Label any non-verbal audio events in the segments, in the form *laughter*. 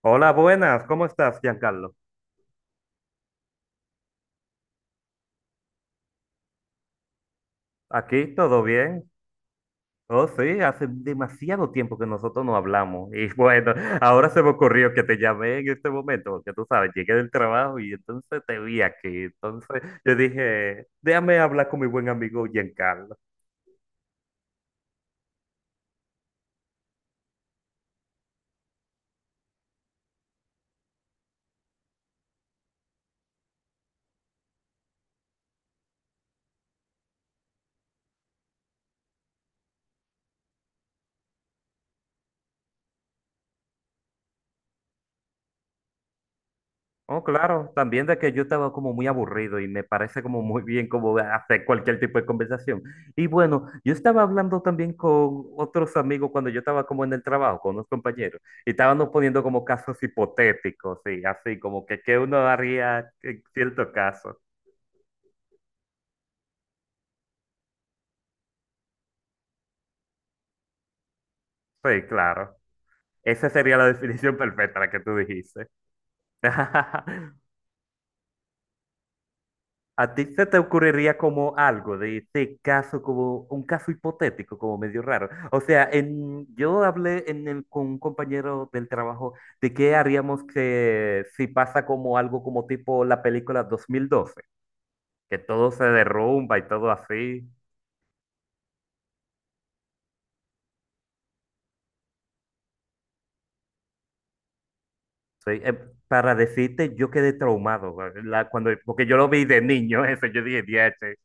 Hola, buenas, ¿cómo estás, Giancarlo? Aquí todo bien. Oh, sí, hace demasiado tiempo que nosotros no hablamos. Y *laughs* bueno, ahora se me ocurrió que te llamé en este momento, porque tú sabes, llegué del trabajo y entonces te vi aquí. Entonces yo dije, déjame hablar con mi buen amigo Giancarlo. Oh, claro, también de que yo estaba como muy aburrido y me parece como muy bien como hacer cualquier tipo de conversación. Y bueno, yo estaba hablando también con otros amigos cuando yo estaba como en el trabajo, con unos compañeros, y estábamos poniendo como casos hipotéticos, y así como que qué uno haría en cierto caso. Sí, claro. Esa sería la *laughs* definición perfecta, la que tú dijiste. *laughs* ¿A ti se te ocurriría como algo de este caso, como un caso hipotético, como medio raro? O sea, en, yo hablé en con un compañero del trabajo de qué haríamos que, si pasa como algo como tipo la película 2012, que todo se derrumba y todo así. Sí, para decirte, yo quedé traumado, güey, cuando, porque yo lo vi de niño, *laughs* eso, yo dije, diache,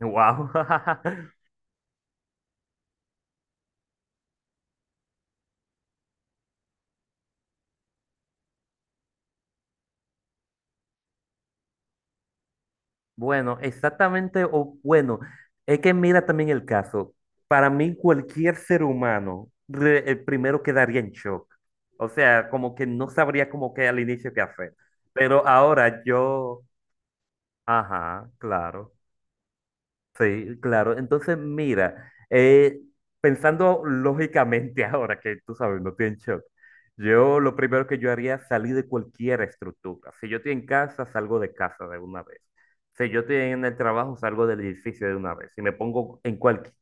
wow. *laughs* Bueno, exactamente, o bueno, es que mira también el caso. Para mí, cualquier ser humano, el primero quedaría en shock. O sea, como que no sabría como que al inicio qué hacer. Pero ahora yo, ajá, claro. Sí, claro. Entonces, mira, pensando lógicamente *laughs* ahora que tú sabes, no estoy en shock, yo lo primero que yo haría es salir de cualquier estructura. Si yo estoy en casa, salgo de casa de una vez. Si yo estoy en el trabajo, salgo del edificio de una vez. Si me pongo en cualquier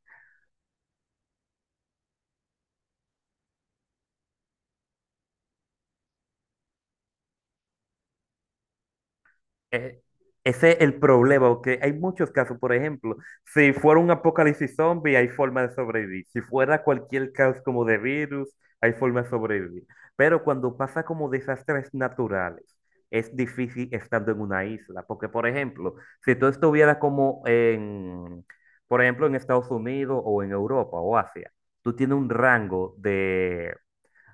Eh, ese es el problema, porque hay muchos casos, por ejemplo, si fuera un apocalipsis zombie, hay forma de sobrevivir. Si fuera cualquier caos como de virus, hay forma de sobrevivir. Pero cuando pasa como desastres naturales, es difícil estando en una isla, porque, por ejemplo, si tú estuvieras como en, por ejemplo, en Estados Unidos o en Europa o Asia, tú tienes un rango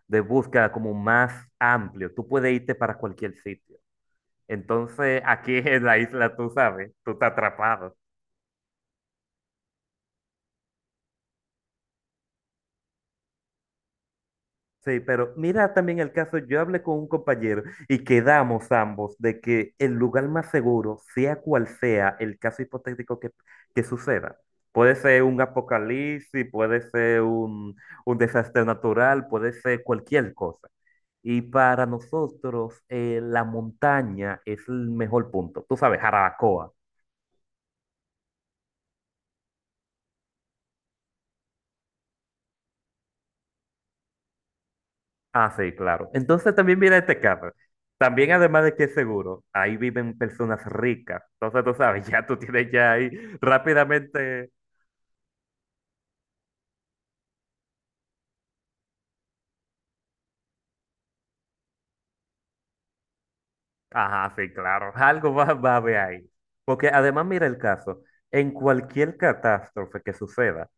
de búsqueda como más amplio, tú puedes irte para cualquier sitio. Entonces, aquí *laughs* en la isla, tú sabes, tú estás atrapado. Sí, pero mira también el caso, yo hablé con un compañero y quedamos ambos de que el lugar más seguro, sea cual sea el caso hipotético que suceda, puede ser un apocalipsis, puede ser un desastre natural, puede ser cualquier cosa. Y para nosotros, la montaña es el mejor punto. Tú sabes, Jarabacoa. Ah, sí, claro. Entonces también mira este caso. También además de que es seguro, ahí viven personas ricas. Entonces tú sabes, *laughs* ya tú tienes ya ahí rápidamente. Ajá, sí, claro. Algo va, va a haber ahí. Porque además mira el caso. En cualquier catástrofe que suceda,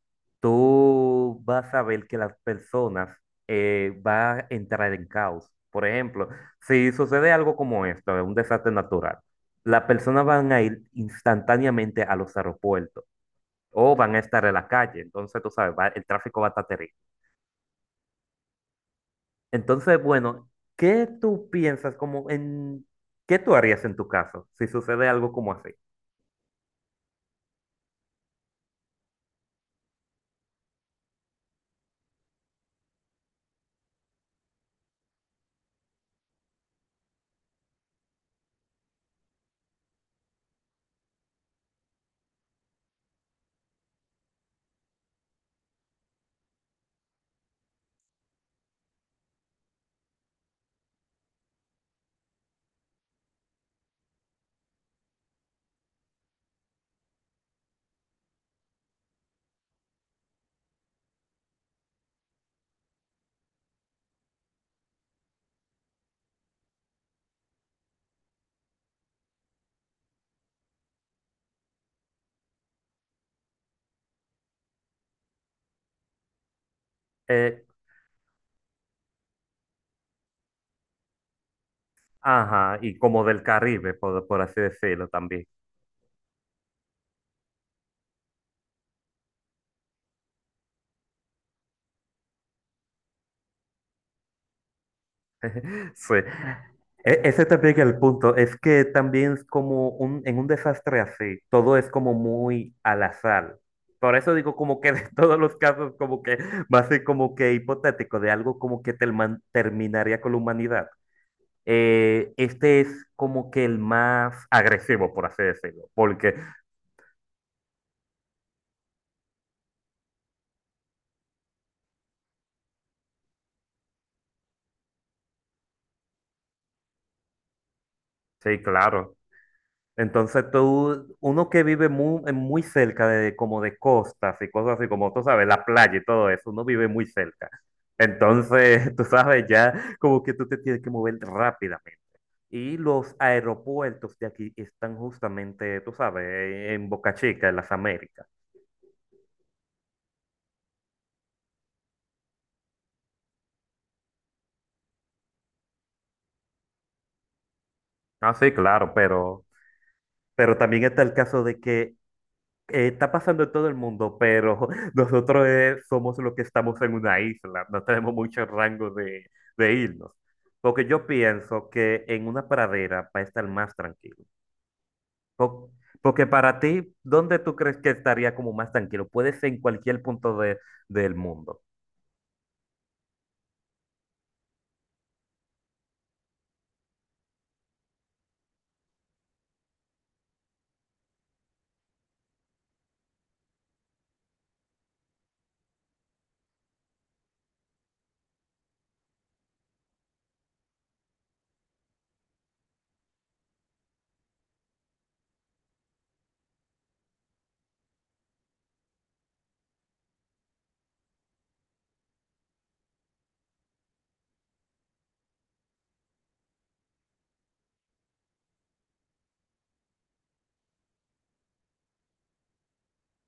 tú vas a ver que las personas van a entrar en caos. Por ejemplo, si sucede algo como esto, un desastre natural, las personas van a ir instantáneamente a los aeropuertos o van a estar en la calle. Entonces, tú sabes, el tráfico va a estar terrible. Entonces, bueno, ¿qué tú piensas como en qué tú harías en tu caso si sucede algo como así? Eh, ajá, y como del Caribe, por así decirlo también. *laughs* Sí. E- Ese también es el punto, es que también es como un, en un desastre así, todo es como muy al azar. Por eso digo como que de *laughs* todos los casos como que va a ser como que hipotético de algo como que terminaría con la humanidad. Este es como que el más agresivo, por así decirlo, porque sí, claro. Entonces tú, uno que vive muy, muy cerca de como de costas y cosas así, como tú sabes, la playa y todo eso, uno vive muy cerca. Entonces, *laughs* tú sabes, ya como que tú te tienes que mover rápidamente. Y los aeropuertos de aquí están justamente, tú sabes, en Boca Chica, en las Américas. Ah, sí, claro, pero también está el caso de que está pasando en todo el mundo, pero *laughs* nosotros somos los que estamos en una isla, no tenemos mucho rango de irnos. Porque yo pienso que en una pradera va a estar más tranquilo. Po- Porque para ti, ¿dónde tú crees que estaría como más tranquilo? Puede ser en cualquier del mundo.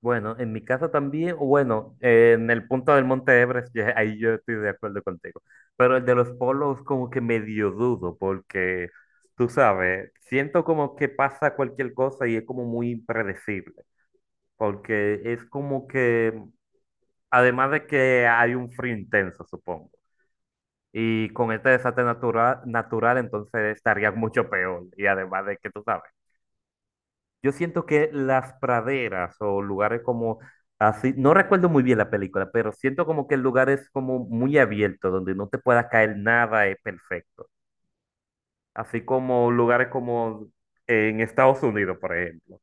Bueno, en mi caso también, o bueno, en el punto del Monte Everest, ahí yo estoy de acuerdo contigo. Pero el de los polos como que medio dudo, porque tú sabes, siento como que pasa cualquier cosa y es como muy impredecible, porque es como que, además de que hay un frío intenso, supongo, y con este desastre natural entonces estaría mucho peor, y además de que tú sabes. Yo siento que las praderas o lugares como así, no recuerdo muy bien la película, pero siento como que el lugar es como muy abierto, donde no te pueda caer nada, es perfecto. Así como lugares como en Estados Unidos, por ejemplo.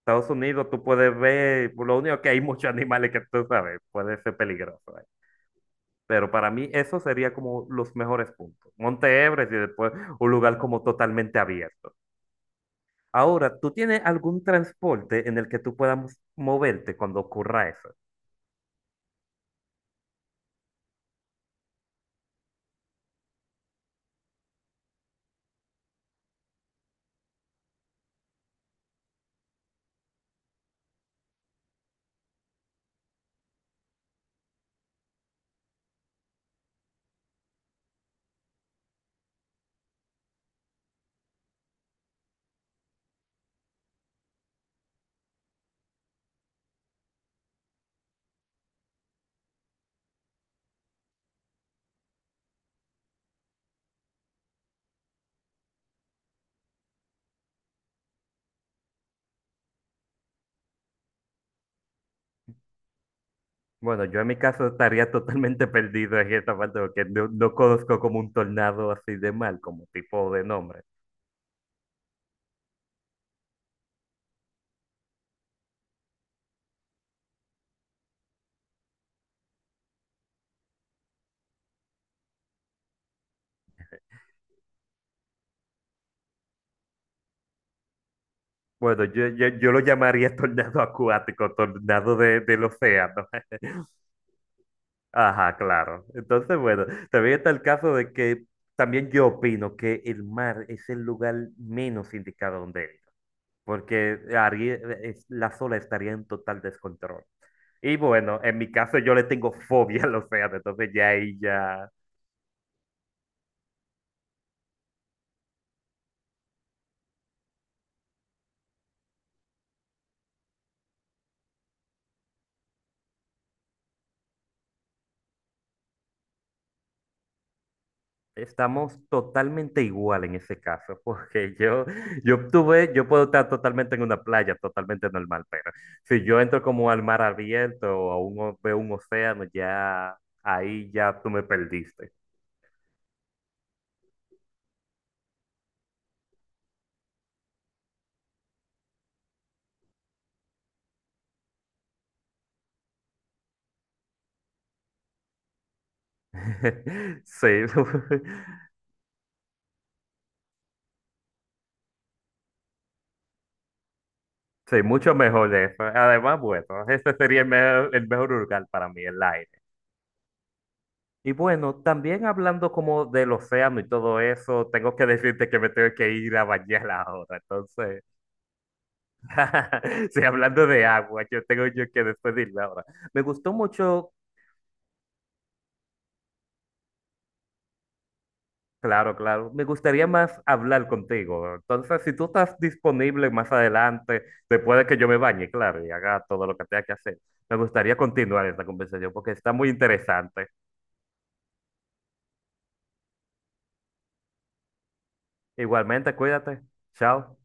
Estados Unidos tú puedes ver, lo único que hay *laughs* muchos animales que tú sabes, puede ser peligroso. ¿Eh? Pero para mí eso sería como los mejores puntos. Monte Everest y después un lugar como totalmente abierto. Ahora, ¿tú tienes algún transporte en el que tú puedas moverte cuando ocurra eso? Bueno, yo en mi caso estaría totalmente *laughs* perdido en esta parte porque no, no conozco como un tornado así de mal, como tipo de nombre. Bueno, yo lo llamaría *laughs* tornado acuático, tornado de, del océano. *laughs* Ajá, claro. Entonces, bueno, también está el caso de que también yo opino que el mar es el lugar menos indicado donde ir, porque las olas estarían en total descontrol. Y bueno, en mi caso yo le tengo fobia al océano, entonces ya ahí ya estamos totalmente igual en ese caso, *laughs* porque yo obtuve, yo puedo estar totalmente en una playa, totalmente normal, pero si yo entro como al mar abierto o veo un océano, ya ahí ya tú me perdiste. *laughs* Sí, *laughs* sí, mucho mejor eso. Además, bueno, ese sería el mejor lugar para mí, el aire. Y bueno, también hablando como del océano y todo eso, tengo que *laughs* decirte que me tengo que ir a bañar ahora. Entonces, *laughs* sí, hablando de agua, yo tengo yo que despedirme ahora. Me gustó mucho, claro, claro, me gustaría más hablar contigo. Entonces, si tú estás disponible más adelante, después de que yo me bañe, claro, y haga todo lo que tenga que hacer, me gustaría continuar esta conversación porque está muy interesante. Igualmente, cuídate. Chao.